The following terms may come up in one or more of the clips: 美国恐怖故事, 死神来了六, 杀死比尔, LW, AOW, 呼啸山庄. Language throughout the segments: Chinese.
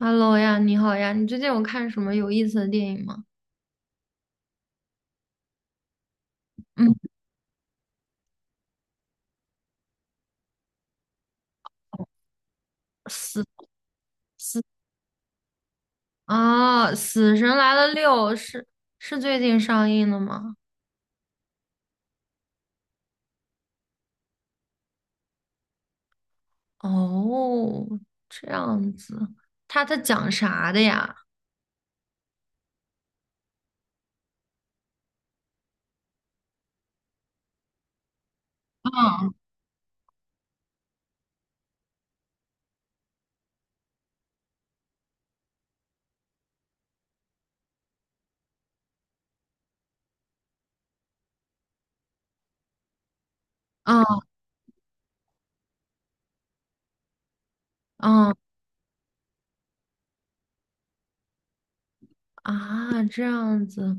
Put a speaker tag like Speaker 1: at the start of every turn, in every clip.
Speaker 1: Hello 呀，你好呀，你最近有看什么有意思的电影吗？嗯。死死《死神来了六》是最近上映的吗？哦，这样子，他讲啥的呀？嗯嗯嗯。啊，这样子，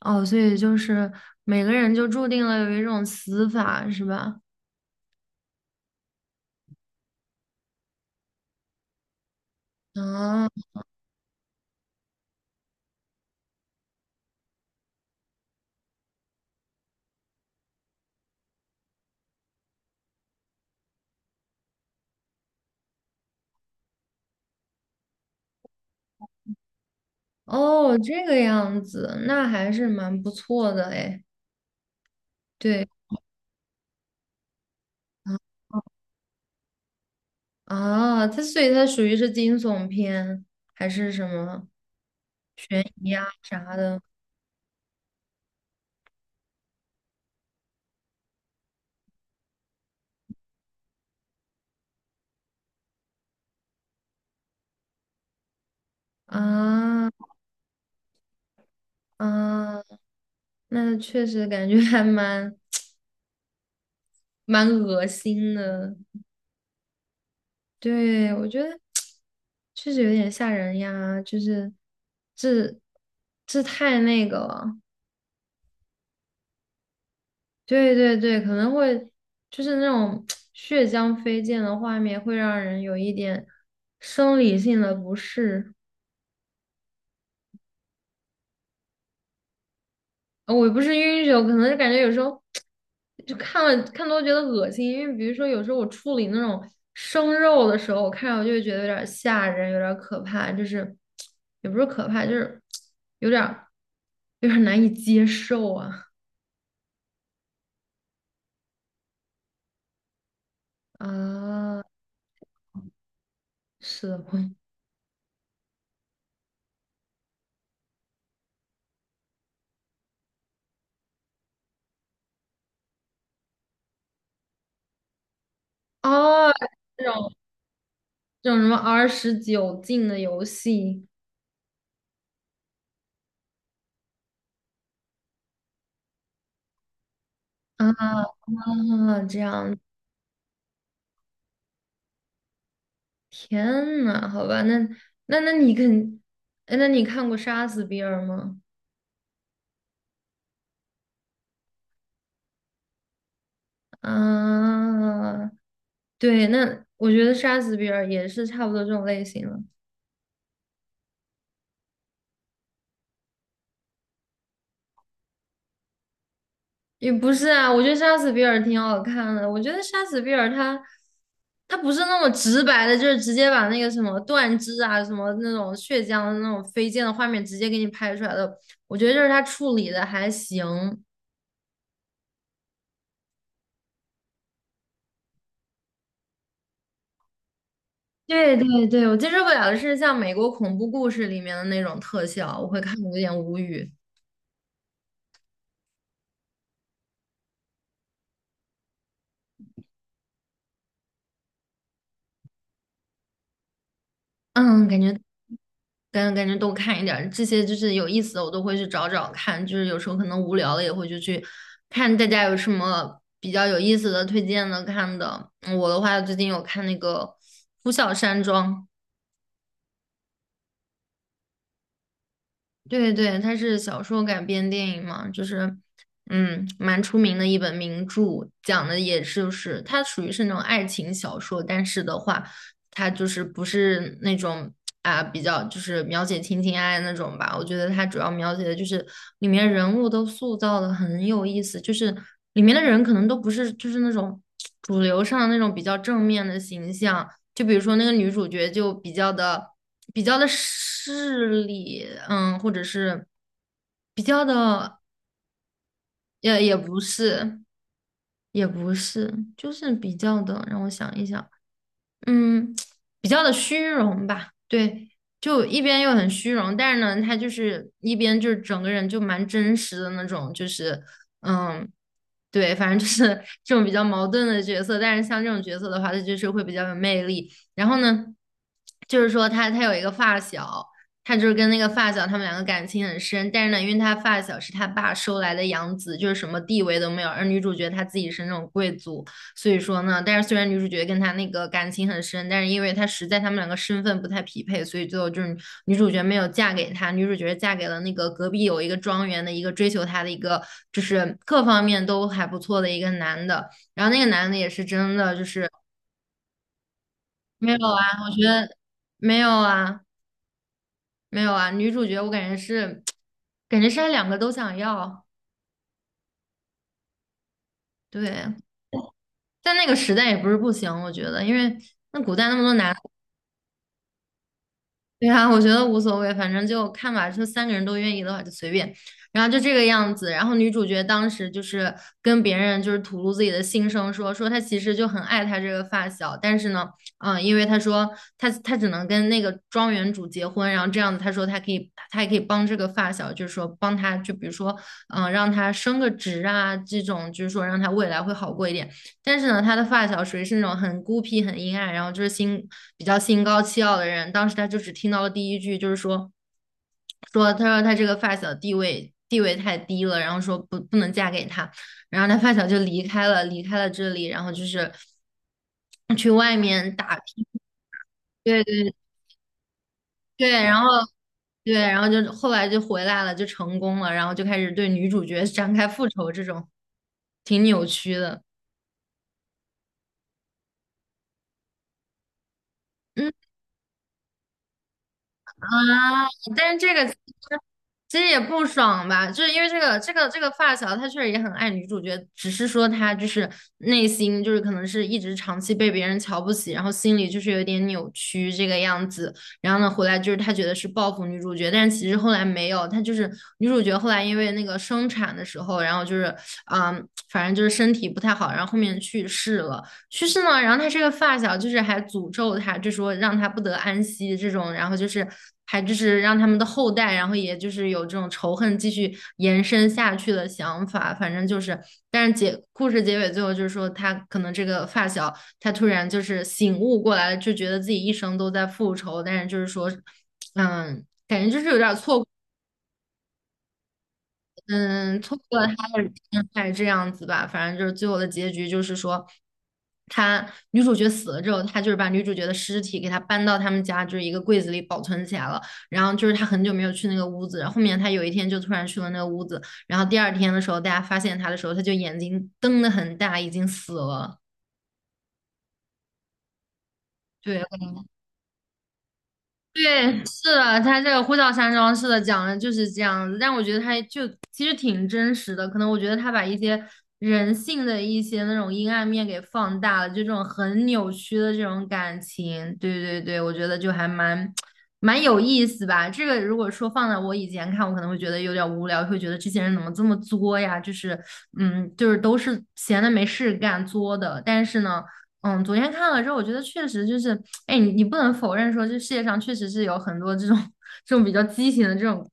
Speaker 1: 哦，所以就是每个人就注定了有一种死法，是吧？啊，哦，这个样子，那还是蛮不错的诶。对。啊。啊，所以它属于是惊悚片还是什么悬疑啊啥的。啊啊，那确实感觉还蛮恶心的。对，我觉得确实有点吓人呀，就是这这太那个了。对对对，可能会就是那种 血浆飞溅的画面，会让人有一点生理性的不适。我不是晕血，我可能是感觉有时候就看了看多觉得恶心，因为比如说有时候我处理那种生肉的时候，我看着我就会觉得有点儿吓人，有点儿可怕，就是也不是可怕，就是有点儿有点儿难以接受啊。啊，是的，嗯。哦，这种这种什么29禁的游戏。啊啊，这样，天呐，好吧，那那那你肯，哎那你看过《杀死比尔》吗？啊，对，那我觉得杀死比尔也是差不多这种类型了。也不是啊，我觉得杀死比尔挺好看的。我觉得杀死比尔他不是那么直白的，就是直接把那个什么断肢啊、什么那种血浆的那种飞溅的画面直接给你拍出来的。我觉得就是他处理的还行。对对对，我接受不了的是像美国恐怖故事里面的那种特效，我会看的有点无语。嗯。跟感觉都看一点儿，这些就是有意思的，我都会去找找看。就是有时候可能无聊了，也会就去看大家有什么比较有意思的推荐的看的。嗯我的话，最近有看那个《呼啸山庄》，对对，它是小说改编电影嘛，就是，嗯，蛮出名的一本名著，讲的也是就是它属于是那种爱情小说，但是的话，它就是不是那种啊比较就是描写情情爱爱那种吧。我觉得它主要描写的就是里面人物都塑造的很有意思，就是里面的人可能都不是就是那种主流上的那种比较正面的形象，就比如说那个女主角就比较的势利，嗯，或者是比较的，也不是，也不是，就是比较的，让我想一想，嗯，比较的虚荣吧，对，就一边又很虚荣，但是呢，他就是一边就是整个人就蛮真实的那种，就是嗯，对，反正就是这种比较矛盾的角色，但是像这种角色的话，他就是会比较有魅力。然后呢，就是说他有一个发小，他就是跟那个发小他们两个感情很深，但是呢，因为他发小是他爸收来的养子，就是什么地位都没有，而女主角她自己是那种贵族。所以说呢，但是虽然女主角跟他那个感情很深，但是因为他实在他们两个身份不太匹配，所以最后就是女主角没有嫁给他，女主角嫁给了那个隔壁有一个庄园的一个追求她的一个，就是各方面都还不错的一个男的。然后那个男的也是真的就是没有啊，我觉得没有啊，没有啊。女主角我感觉是，他两个都想要，对。但那个时代也不是不行，我觉得，因为那古代那么多男。对啊，我觉得无所谓，反正就看吧。说三个人都愿意的话，就随便。然后就这个样子。然后女主角当时就是跟别人就是吐露自己的心声说她其实就很爱她这个发小，但是呢，嗯，因为她说她只能跟那个庄园主结婚，然后这样子她说她也可以帮这个发小，就是说帮她就比如说嗯让她升个职啊这种，就是说让她未来会好过一点。但是呢，他的发小属于是那种很孤僻、很阴暗，然后就是比较心高气傲的人。当时他就只听到了第一句，就是说，说他这个发小地位太低了，然后说不能嫁给他。然后他发小就离开了这里，然后就是去外面打拼。对对对，然后对，然后就后来就回来了，就成功了，然后就开始对女主角 展开复仇，这种挺扭曲的。嗯啊，但是这个其实也不爽吧，就是因为这个发小，他确实也很爱女主角，只是说他就是内心就是可能是一直长期被别人瞧不起，然后心里就是有点扭曲这个样子。然后呢，回来就是他觉得是报复女主角，但是其实后来没有，他就是女主角后来因为那个生产的时候，然后就是反正就是身体不太好，然后后面去世了。去世呢，然后他这个发小就是还诅咒他，就说让他不得安息这种，然后就是还就是让他们的后代，然后也就是有这种仇恨继续延伸下去的想法，反正就是，但是故事结尾最后就是说他可能这个发小他突然就是醒悟过来了，就觉得自己一生都在复仇，但是就是说，嗯。感觉就是有点错嗯，错过了他的天，还是这样子吧。反正就是最后的结局就是说，他女主角死了之后，他就是把女主角的尸体给她搬到他们家就是一个柜子里保存起来了。然后就是他很久没有去那个屋子，然后后面他有一天就突然去了那个屋子，然后第二天的时候大家发现他的时候，他就眼睛瞪得很大，已经死了。对，对，是的，他这个呼啸山庄讲的就是这样子，但我觉得他就其实挺真实的，可能我觉得他把一些人性的一些那种阴暗面给放大了，就这种很扭曲的这种感情，对对对，我觉得就还蛮有意思吧。这个如果说放在我以前看，我可能会觉得有点无聊，会觉得这些人怎么这么作呀？就是嗯，就是都是闲的没事干作的，但是呢。嗯，昨天看了之后，我觉得确实就是，哎，你不能否认说，这世界上确实是有很多这种 这种比较畸形的这种，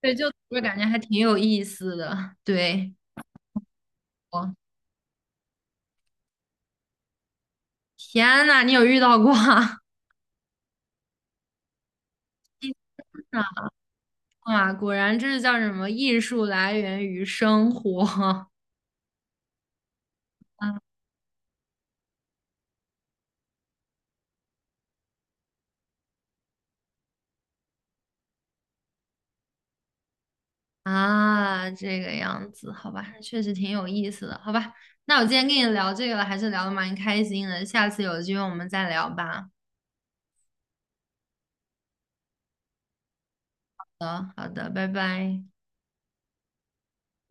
Speaker 1: 对，就我感觉还挺有意思的。对，哦，天呐，你有遇到过啊？啊，哇果然这是叫什么？艺术来源于生活。 啊啊，这个样子，好吧，确实挺有意思的，好吧。那我今天跟你聊这个了，还是聊的蛮开心的，下次有机会我们再聊吧。好的好的，拜拜。